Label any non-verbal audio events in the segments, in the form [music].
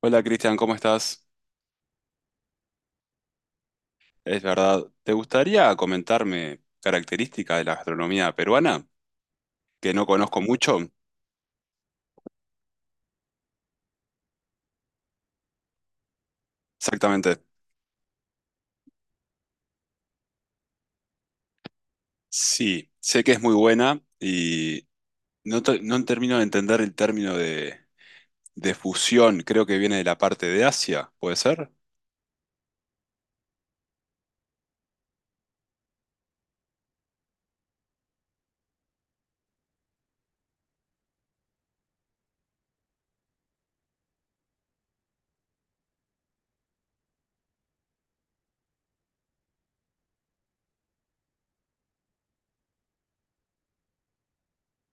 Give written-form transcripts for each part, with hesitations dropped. Hola Cristian, ¿cómo estás? Es verdad, ¿te gustaría comentarme características de la gastronomía peruana que no conozco mucho? Exactamente. Sí, sé que es muy buena y no, no termino de entender el término de fusión, creo que viene de la parte de Asia, ¿puede ser?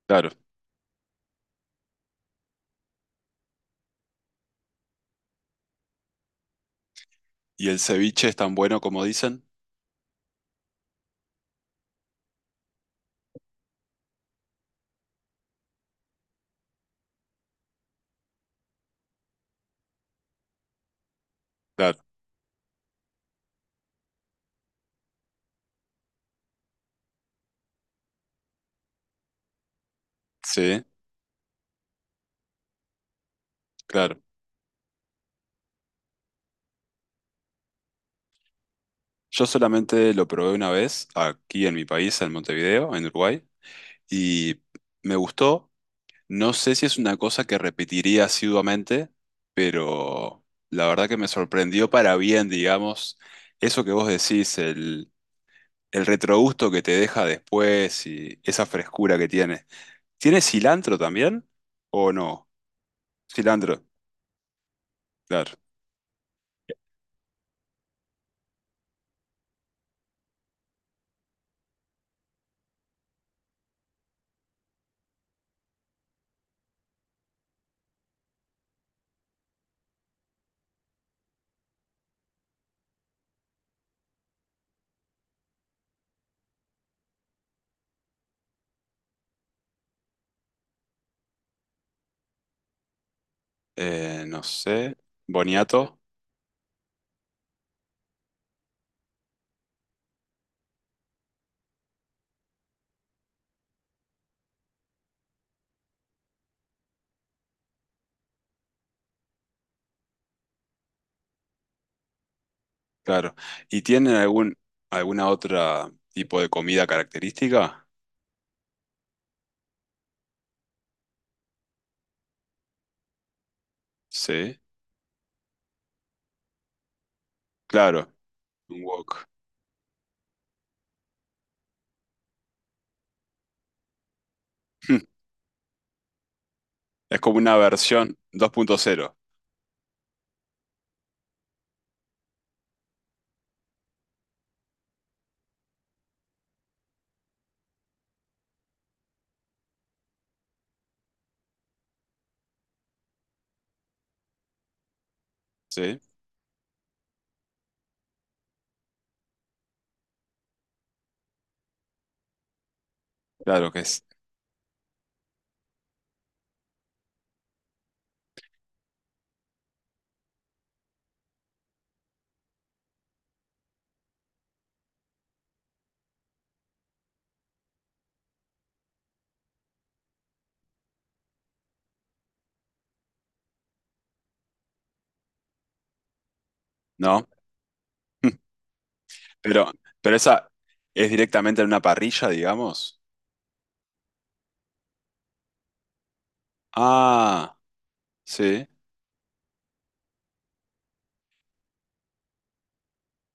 Claro. ¿Y el ceviche es tan bueno como dicen? Claro. Sí, claro. Yo solamente lo probé una vez aquí en mi país, en Montevideo, en Uruguay, y me gustó. No sé si es una cosa que repetiría asiduamente, pero la verdad que me sorprendió para bien, digamos, eso que vos decís, el retrogusto que te deja después y esa frescura que tiene. ¿Tiene cilantro también? ¿O no? Cilantro, claro. No sé. Boniato, claro. ¿Y tienen algún, alguna otra tipo de comida característica? Sí, claro. Un wok. [laughs] Es como una versión 2.0. ¿Sí? Claro que es, ¿no? [laughs] Pero, pero esa es directamente en una parrilla, digamos. Ah, sí.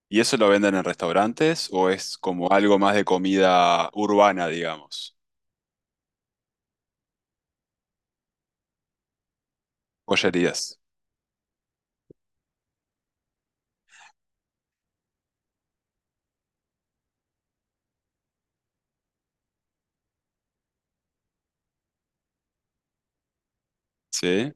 ¿Y eso lo venden en restaurantes o es como algo más de comida urbana, digamos? Pollerías. Sí,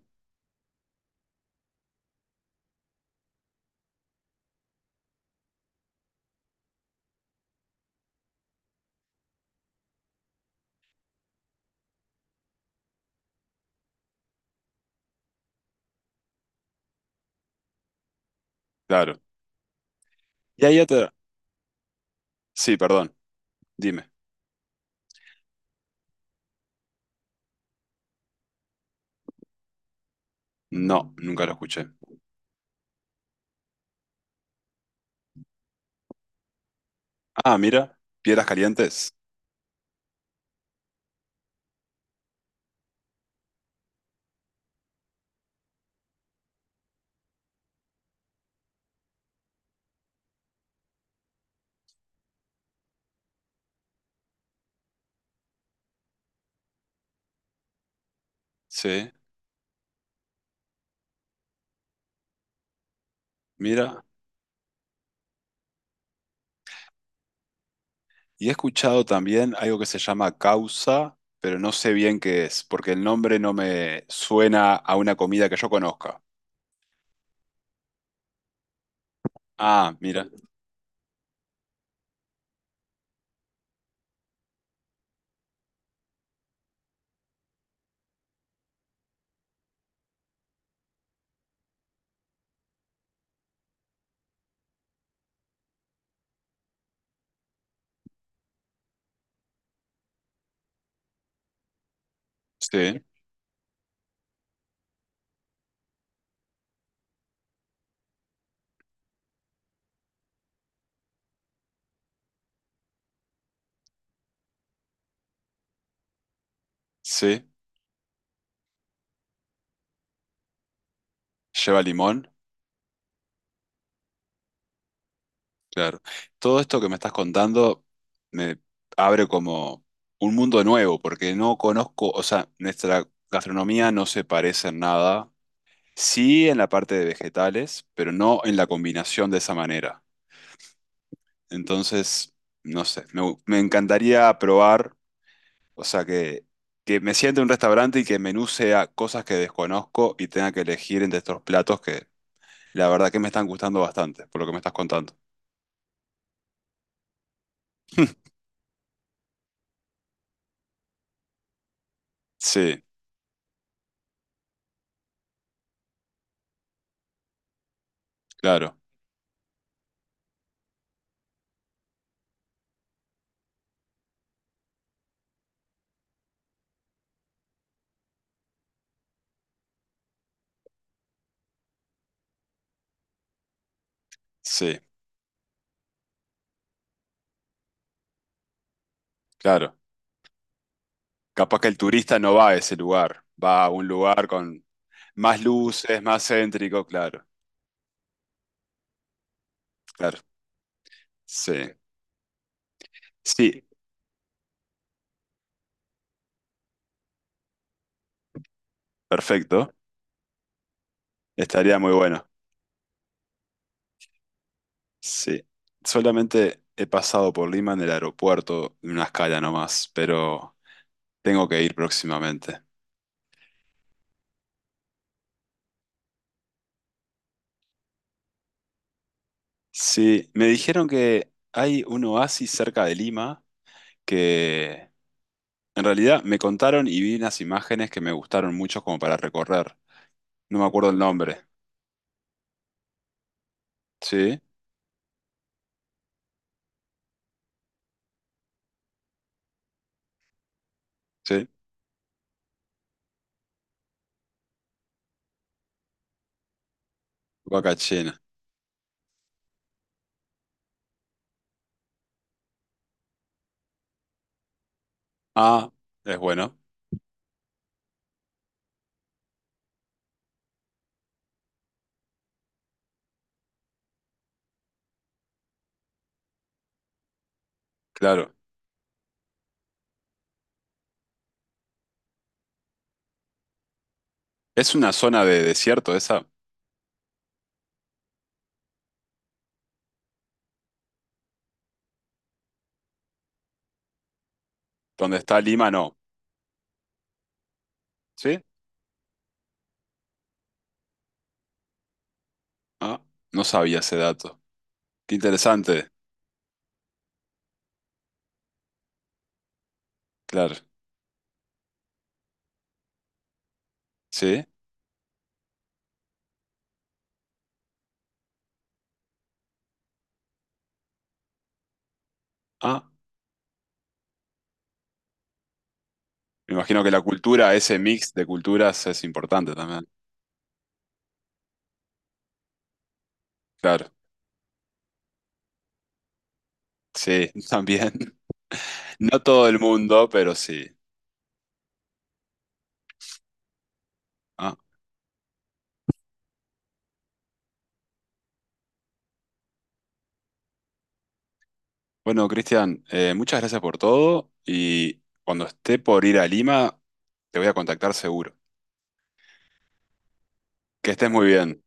claro. Y hay otra. Sí, perdón, dime. No, nunca lo escuché. Ah, mira, piedras calientes. Sí, mira. Y he escuchado también algo que se llama causa, pero no sé bien qué es, porque el nombre no me suena a una comida que yo conozca. Ah, mira, sí, sí, lleva limón, claro. Todo esto que me estás contando me abre como un mundo nuevo, porque no conozco, o sea, nuestra gastronomía no se parece en nada, sí en la parte de vegetales, pero no en la combinación de esa manera. Entonces, no sé, me encantaría probar, o sea, que me siente en un restaurante y que el menú sea cosas que desconozco y tenga que elegir entre estos platos. La verdad que me están gustando bastante, por lo que me estás contando. [laughs] Sí, claro, sí, claro. Capaz que el turista no va a ese lugar, va a un lugar con más luces, más céntrico, claro, claro. Sí, sí, perfecto. Estaría muy bueno. Sí. Solamente he pasado por Lima en el aeropuerto, en una escala nomás, pero tengo que ir próximamente. Sí, me dijeron que hay un oasis cerca de Lima que, en realidad me contaron y vi unas imágenes que me gustaron mucho como para recorrer. No me acuerdo el nombre. Sí, sí, Huacachina. Ah, es bueno, claro. Es una zona de desierto esa, donde está Lima, no. ¿Sí? Ah, no sabía ese dato. Qué interesante, claro. ¿Sí? Ah, me imagino que la cultura, ese mix de culturas es importante también. Claro, sí, [laughs] también. No todo el mundo, pero sí. Ah. Bueno, Cristian, muchas gracias por todo y cuando esté por ir a Lima, te voy a contactar seguro. Que estés muy bien.